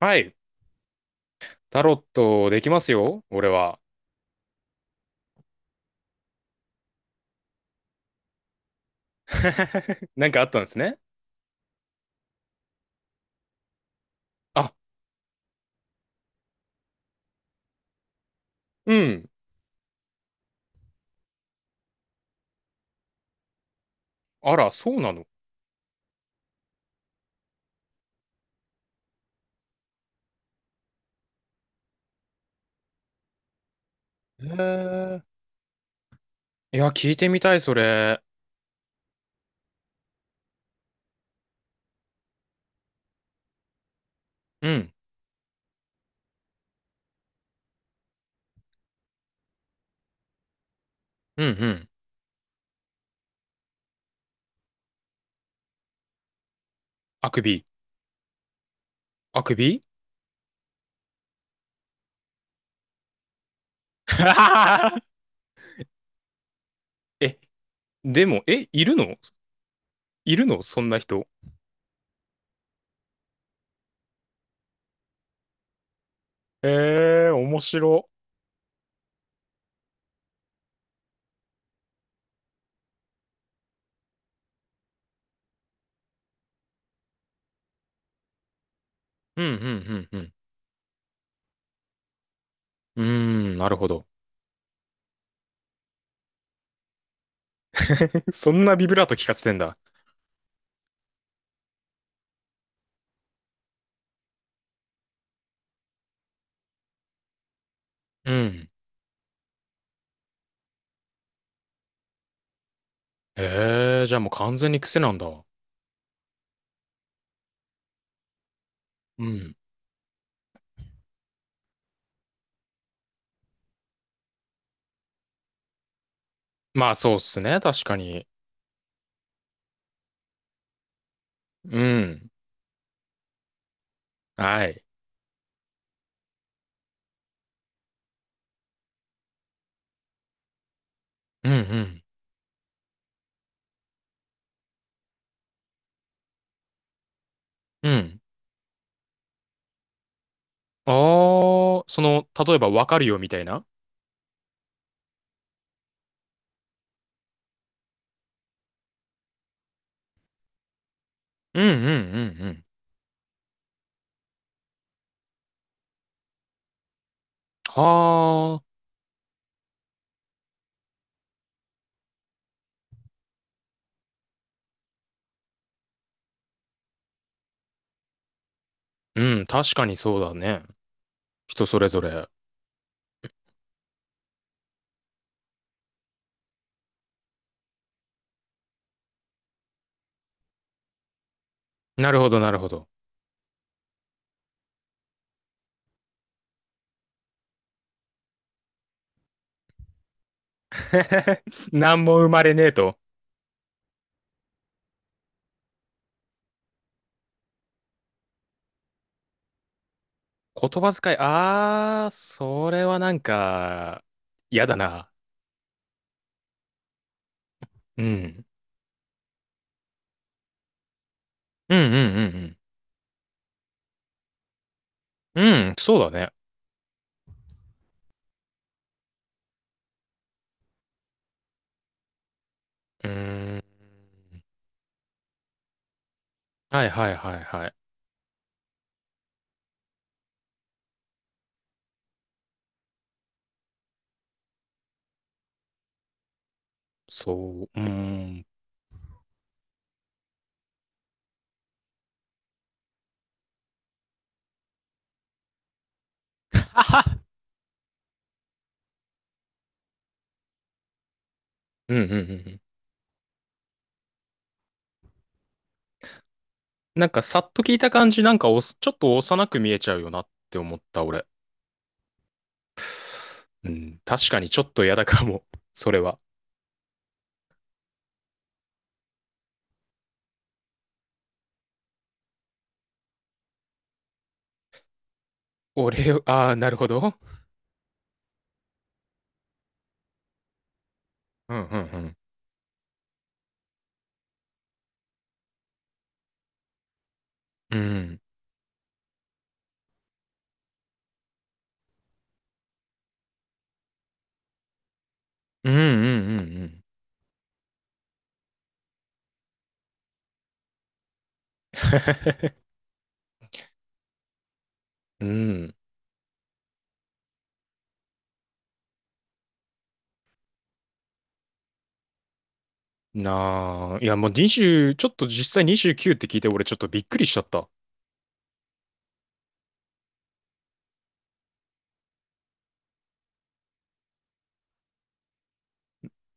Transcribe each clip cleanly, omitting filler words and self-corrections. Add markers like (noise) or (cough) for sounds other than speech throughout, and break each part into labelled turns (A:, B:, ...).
A: はい。タロットできますよ、俺は。(laughs) なんかあったんですね。あ、うん。あら、そうなの。へえ。いや、聞いてみたい、それ。うん、うん、うん。あくび。あくび。 (laughs) え、でも、え、いるのそんな人。へえ、面白。うん、うん、うん、うん。うーん、なるほど。(laughs) そんなビブラート聞かせてんだ。うん。へえ、じゃあもう完全に癖なんだ。うん。まあ、そうっすね、確かに。うん。はい。うんうん。うん。ああ、その、例えばわかるよみたいな。うんうんうんうん。はあ。うん、確かにそうだね。人それぞれ。なるほど、なるほど。(laughs) 何も生まれねえと。言葉遣い、ああ、それはなんか、嫌だな。うん。うんうんうんうん。うん、そうだね。うーん。はいはいはいはい。そう。うーん。(laughs) うんうんうんうん。なんかさっと聞いた感じ、なんかおすちょっと幼く見えちゃうよなって思った俺。うん、確かにちょっと嫌だかも、(laughs) それは。俺を、ああ、なるほど。うんうんうん。うん。うんうんうんうん。(laughs) うん。なあ、いやもう20、ちょっと実際29って聞いて俺ちょっとびっくりしちゃった。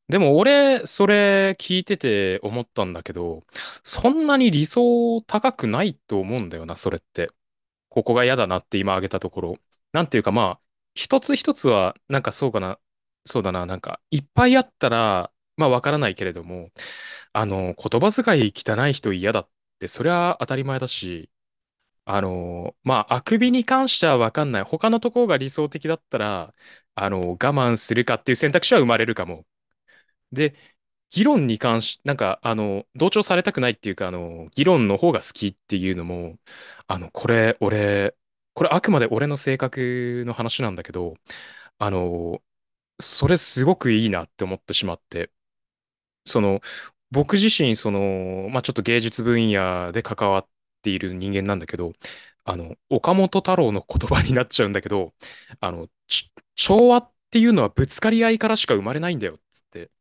A: でも俺、それ聞いてて思ったんだけど、そんなに理想高くないと思うんだよな、それって。ここが嫌だなって今挙げたところ。なんていうかまあ、一つ一つは、なんかそうかな、そうだな、なんか、いっぱいあったら、まあわからないけれども、あの、言葉遣い汚い人嫌だって、そりゃ当たり前だし、あの、まあ、あくびに関してはわかんない。他のところが理想的だったら、あの、我慢するかっていう選択肢は生まれるかも。で、議論に関し、なんか、あの、同調されたくないっていうか、あの、議論の方が好きっていうのも、あの、これ、俺、これあくまで俺の性格の話なんだけど、あの、それすごくいいなって思ってしまって、その、僕自身、その、まあ、ちょっと芸術分野で関わっている人間なんだけど、あの、岡本太郎の言葉になっちゃうんだけど、あの、調和っていうのはぶつかり合いからしか生まれないんだよ、つって。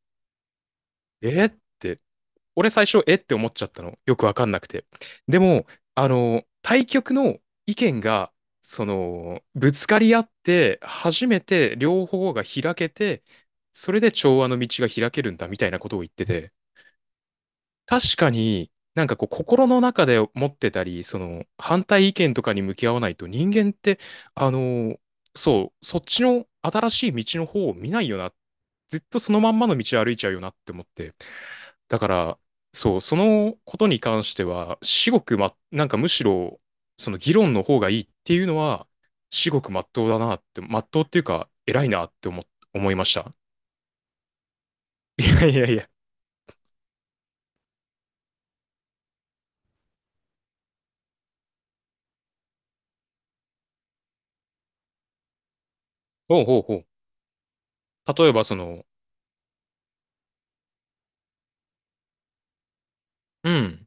A: えって、俺最初、えって思っちゃったの。よくわかんなくて。でも、あの、対局の意見が、その、ぶつかり合って、初めて両方が開けて、それで調和の道が開けるんだみたいなことを言ってて、確かに、なんかこう、心の中で持ってたり、その、反対意見とかに向き合わないと、人間って、あの、そう、そっちの新しい道の方を見ないよな。ずっとそのまんまの道を歩いちゃうよなって思って。だから、そう、そのことに関しては、至極ま、なんかむしろ、その議論の方がいいっていうのは、至極まっとうだなって、まっとうっていうか、偉いなって思いました。(laughs) いやいやいや。ほうほうほう。例えばその、うん。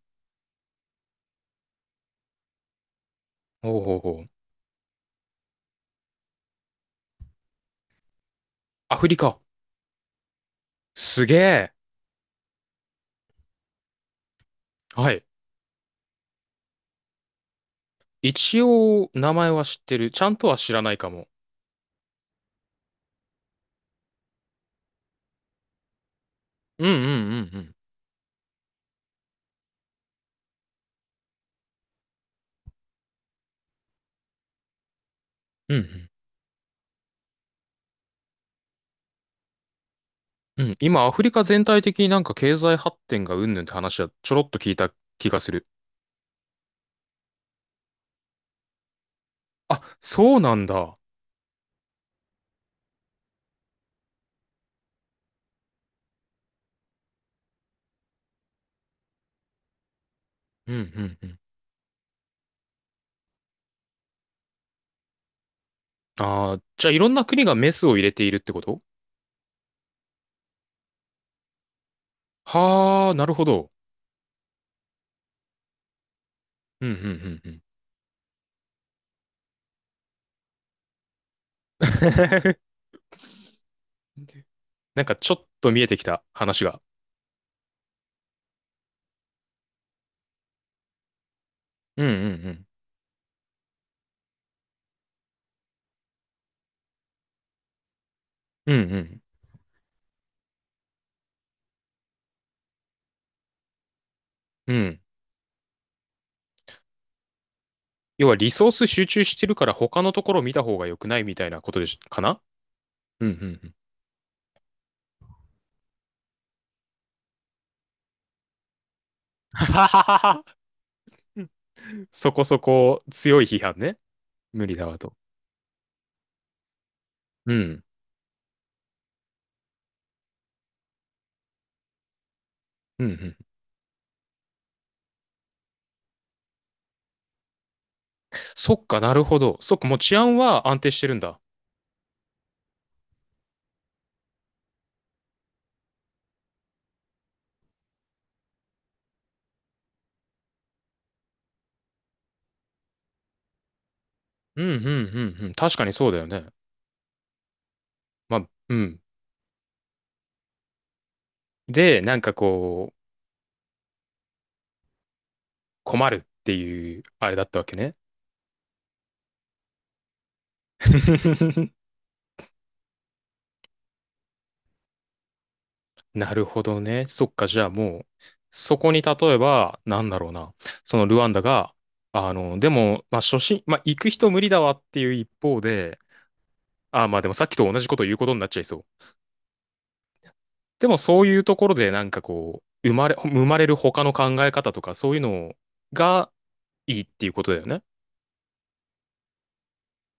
A: ほうほうほう。アフリカ。すげえ。はい。一応、名前は知ってる。ちゃんとは知らないかも。うんうんうんうん。うんうん。うん。今、アフリカ全体的になんか経済発展がうんぬんって話はちょろっと聞いた気がする。あ、そうなんだ。うんうんうん。ああ、じゃあいろんな国がメスを入れているってことは？あ、なるほど。うんうんうんうん。(laughs) なんかちょっと見えてきた話が。うんうんうん。うんうん。うん。要はリソース集中してるから他のところ見た方が良くないみたいなことでしかな？うんうんうん。(laughs) そこそこ強い批判ね。無理だわと。うん。うんうん。そっかなるほど。そっかもう治安は安定してるんだ。うんうんうんうん。確かにそうだよね。まあ、うん。で、なんかこう、困るっていうあれだったわけね。(laughs) なるほどね。そっか、じゃあもう、そこに例えば、なんだろうな、そのルワンダが、あの、でも、まあ、初心、まあ、行く人無理だわっていう一方で、あ、まあでもさっきと同じこと言うことになっちゃいそう。でもそういうところで、なんかこう、生まれる他の考え方とか、そういうのがいいっていうことだよね。